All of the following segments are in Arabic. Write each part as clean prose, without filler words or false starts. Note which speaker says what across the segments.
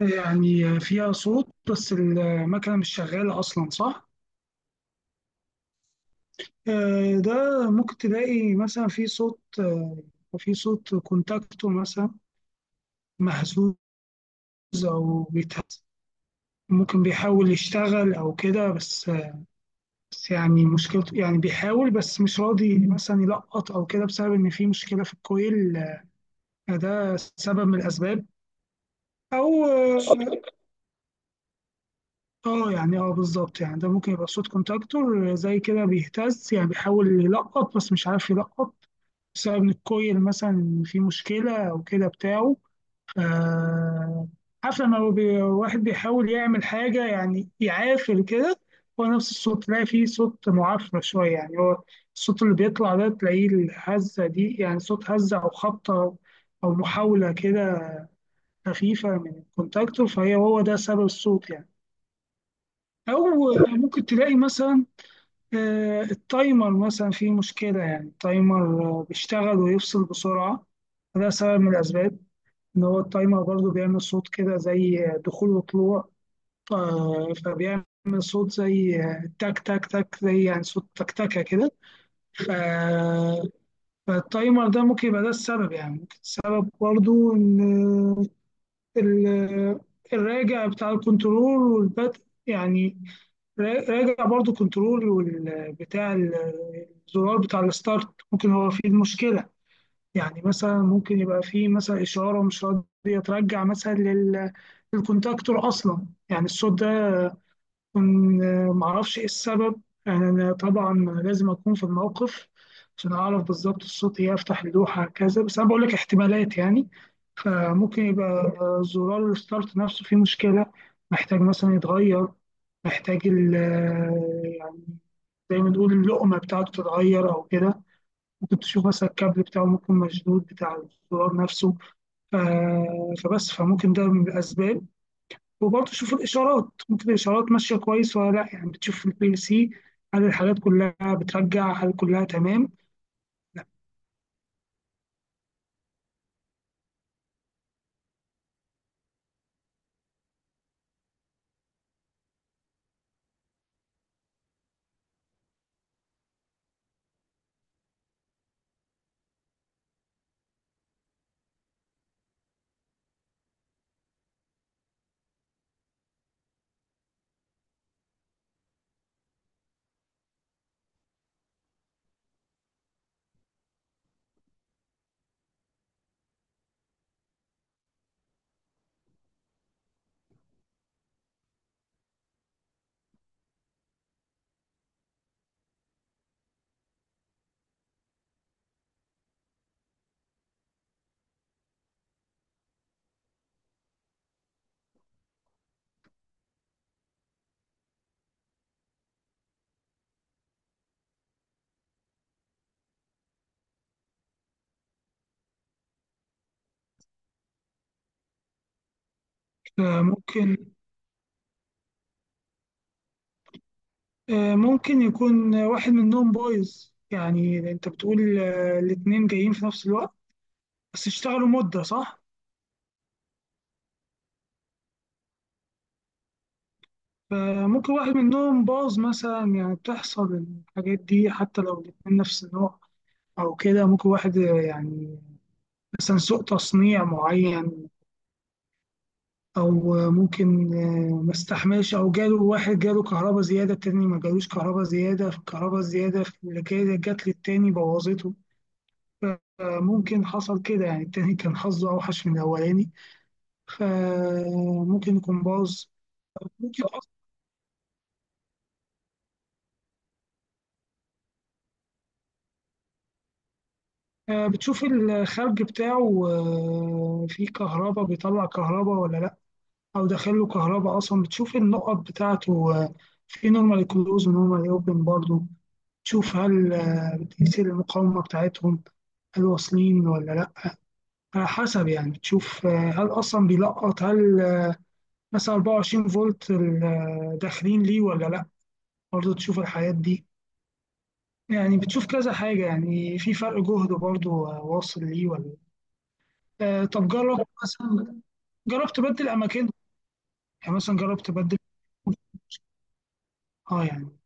Speaker 1: يعني فيها صوت بس المكنة مش شغالة أصلا صح؟ ده ممكن تلاقي مثلا في صوت في صوت كونتاكتو مثلا مهزوز أو بيتهز ممكن بيحاول يشتغل أو كده بس بس يعني مشكلته يعني بيحاول بس مش راضي مثلا يلقط أو كده بسبب إن في مشكلة في الكويل ده سبب من الأسباب. أو اه يعني اه بالظبط يعني ده ممكن يبقى صوت كونتاكتور زي كده بيهتز يعني بيحاول يلقط بس مش عارف يلقط بسبب ان الكويل مثلا في مشكلة او كده بتاعه. ف عارف لما هو واحد بيحاول يعمل حاجة يعني يعافر كده، هو نفس الصوت تلاقي فيه صوت معفرة شوية يعني هو الصوت اللي بيطلع ده تلاقيه الهزة دي يعني صوت هزة أو خبطة أو محاولة كده خفيفة من الكونتاكتور، فهي هو ده سبب الصوت يعني. أو ممكن تلاقي مثلا التايمر مثلا فيه مشكلة، يعني التايمر بيشتغل ويفصل بسرعة، فده سبب من الأسباب، إن هو التايمر برضو بيعمل صوت كده زي دخول وطلوع، فبيعمل صوت زي تك تك تك، زي يعني صوت تكتكة كده. ف- فالتايمر ده ممكن يبقى ده السبب. يعني ممكن السبب برضو إن ال- الراجع بتاع الكنترول والبدء، يعني راجع برضو كنترول والبتاع الزرار بتاع الستارت ممكن هو فيه المشكلة. يعني مثلا ممكن يبقى فيه مثلا إشارة مش راضية ترجع مثلا للكونتاكتور أصلا، يعني الصوت ده يكون معرفش إيه السبب. يعني أنا طبعا لازم أكون في الموقف عشان أعرف بالظبط الصوت إيه، أفتح اللوحة كذا، بس أنا بقول لك احتمالات يعني. فممكن يبقى زرار الستارت نفسه فيه مشكلة، محتاج مثلا يتغير، محتاج ال زي ما نقول اللقمة بتاعته تتغير أو كده. ممكن تشوف مثلا الكابل بتاعه ممكن مشدود، بتاع الزرار نفسه. ف... فبس فممكن ده من الأسباب. وبرضه تشوف الإشارات، ممكن الإشارات ماشية كويس ولا لأ، يعني بتشوف في البي ال سي هل الحاجات كلها بترجع، هل كلها تمام. لأ. ممكن ممكن يكون واحد منهم بايظ. يعني أنت بتقول الاتنين جايين في نفس الوقت بس اشتغلوا مدة، صح؟ فممكن واحد منهم باظ مثلا، يعني بتحصل الحاجات دي حتى لو الاتنين نفس النوع أو كده. ممكن واحد يعني مثلا سوء تصنيع معين، أو ممكن ما استحملش، أو جاله واحد جاله كهرباء زيادة، التاني ما جالوش كهرباء زيادة، فالكهرباء الزيادة اللي كده جات للتاني بوظته. فممكن حصل كده، يعني التاني كان حظه أوحش من الأولاني، فممكن يكون باظ. ممكن بتشوف الخرج بتاعه فيه كهرباء، بيطلع كهرباء ولا لأ، أو داخله كهرباء أصلا. بتشوف النقط بتاعته في نورمال كلوز ونورمال أوبن برضه، تشوف هل بتقيس المقاومة بتاعتهم، هل واصلين ولا لأ. على حسب يعني، بتشوف هل أصلا بيلقط، هل مثلا 24 فولت داخلين ليه ولا لأ. برضه تشوف الحاجات دي، يعني بتشوف كذا حاجة، يعني في فرق جهد برضه واصل ليه ولا لأ. طب جرب مثلا، جربت أبدل أماكن، يعني مثلا جربت أبدل. اه يعني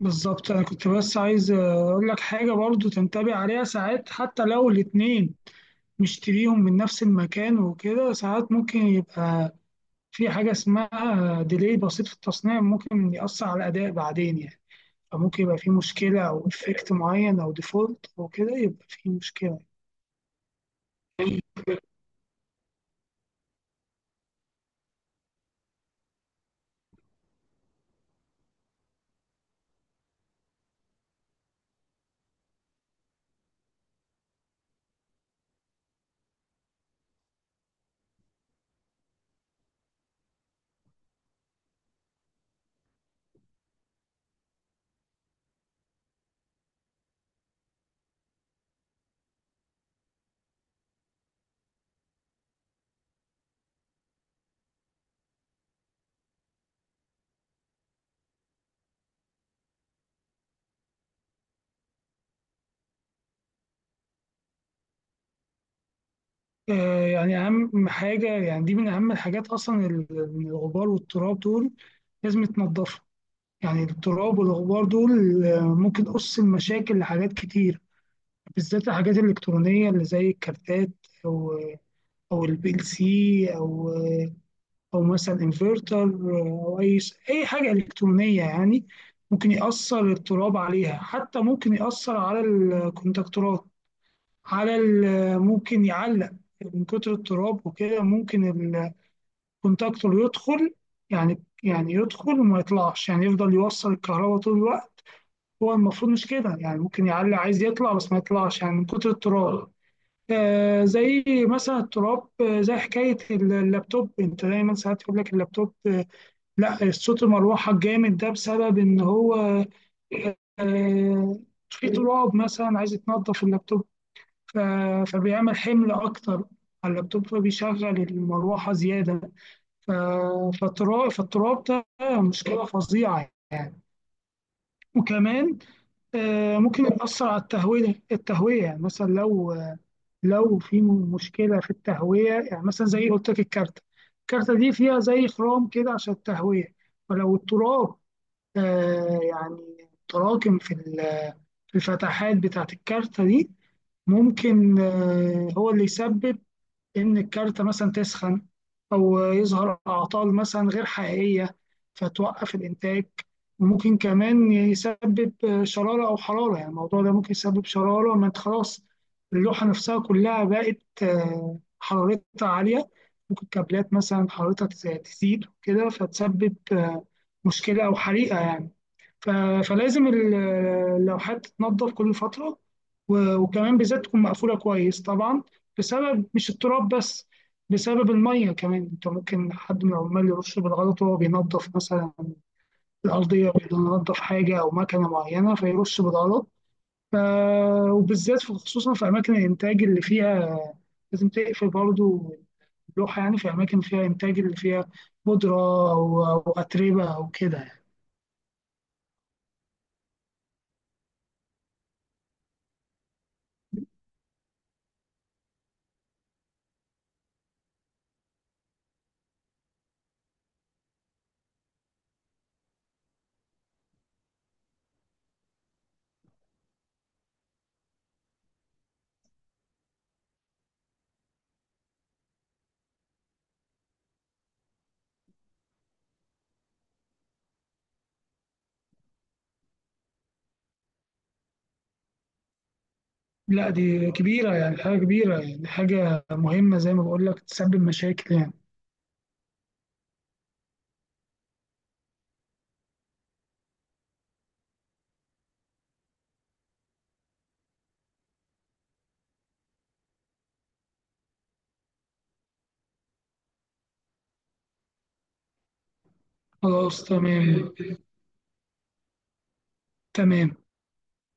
Speaker 1: بالظبط، أنا كنت بس عايز أقول لك حاجة برضو تنتبه عليها. ساعات حتى لو الاتنين مشتريهم من نفس المكان وكده، ساعات ممكن يبقى في حاجة اسمها ديلي بسيط في التصنيع، ممكن يأثر على الأداء بعدين يعني. فممكن يبقى في مشكلة، أو إفكت معين أو ديفولت أو كده، يبقى في مشكلة. يعني أهم حاجة، يعني دي من أهم الحاجات أصلا، الغبار والتراب دول لازم يتنضفوا. يعني التراب والغبار دول ممكن أس المشاكل لحاجات كتير، بالذات الحاجات الإلكترونية اللي زي الكارتات، أو أو البي ال سي، أو أو مثلا انفرتر، أو أي أي حاجة إلكترونية يعني. ممكن يأثر التراب عليها، حتى ممكن يأثر على الكونتاكتورات، على ممكن يعلق من كتر التراب وكده. ممكن الكونتاكتور يدخل، يعني يدخل وما يطلعش، يعني يفضل يوصل الكهرباء طول الوقت، هو المفروض مش كده يعني. ممكن يعلي عايز يطلع بس ما يطلعش، يعني من كتر التراب. آه زي مثلا التراب، آه زي حكاية اللابتوب. انت دايما ساعات يقول لك اللابتوب آه لا، صوت المروحة الجامد ده بسبب ان هو آه في تراب مثلا، عايز يتنضف اللابتوب. ف- فبيعمل حمل اكتر على اللابتوب، فبيشغل المروحة زيادة. ف- فالتراب ده مشكلة فظيعة. وكمان ممكن يأثر على التهوية. التهوية يعني مثلا لو في مشكلة في التهوية، يعني مثلا زي قلت لك الكارتة، الكارتة دي فيها زي خرام كده عشان التهوية. فلو التراب يعني تراكم في في الفتحات بتاعة الكارتة دي، ممكن هو اللي يسبب إن الكارتة مثلا تسخن، أو يظهر أعطال مثلا غير حقيقية فتوقف الإنتاج. وممكن كمان يسبب شرارة أو حرارة، يعني الموضوع ده ممكن يسبب شرارة. ما أنت خلاص اللوحة نفسها كلها بقت حرارتها عالية، ممكن كابلات مثلا حرارتها تزيد وكده، فتسبب مشكلة أو حريقة يعني. ف- فلازم اللوحات تتنضف كل فترة، وكمان بالذات تكون مقفولة كويس طبعا، بسبب مش التراب بس، بسبب المية كمان. انت ممكن حد من العمال يرش بالغلط وهو بينظف مثلا الأرضية، بينظف حاجة أو مكنة معينة فيرش بالغلط. ف... وبالذات خصوصا في أماكن الإنتاج اللي فيها لازم تقفل برضو اللوحة، يعني في أماكن فيها إنتاج اللي فيها بودرة أو أو أتربة أو كده. لا دي كبيرة، يعني حاجة كبيرة، يعني حاجة مهمة، زي ما بقول لك تسبب مشاكل يعني. خلاص تمام. تمام.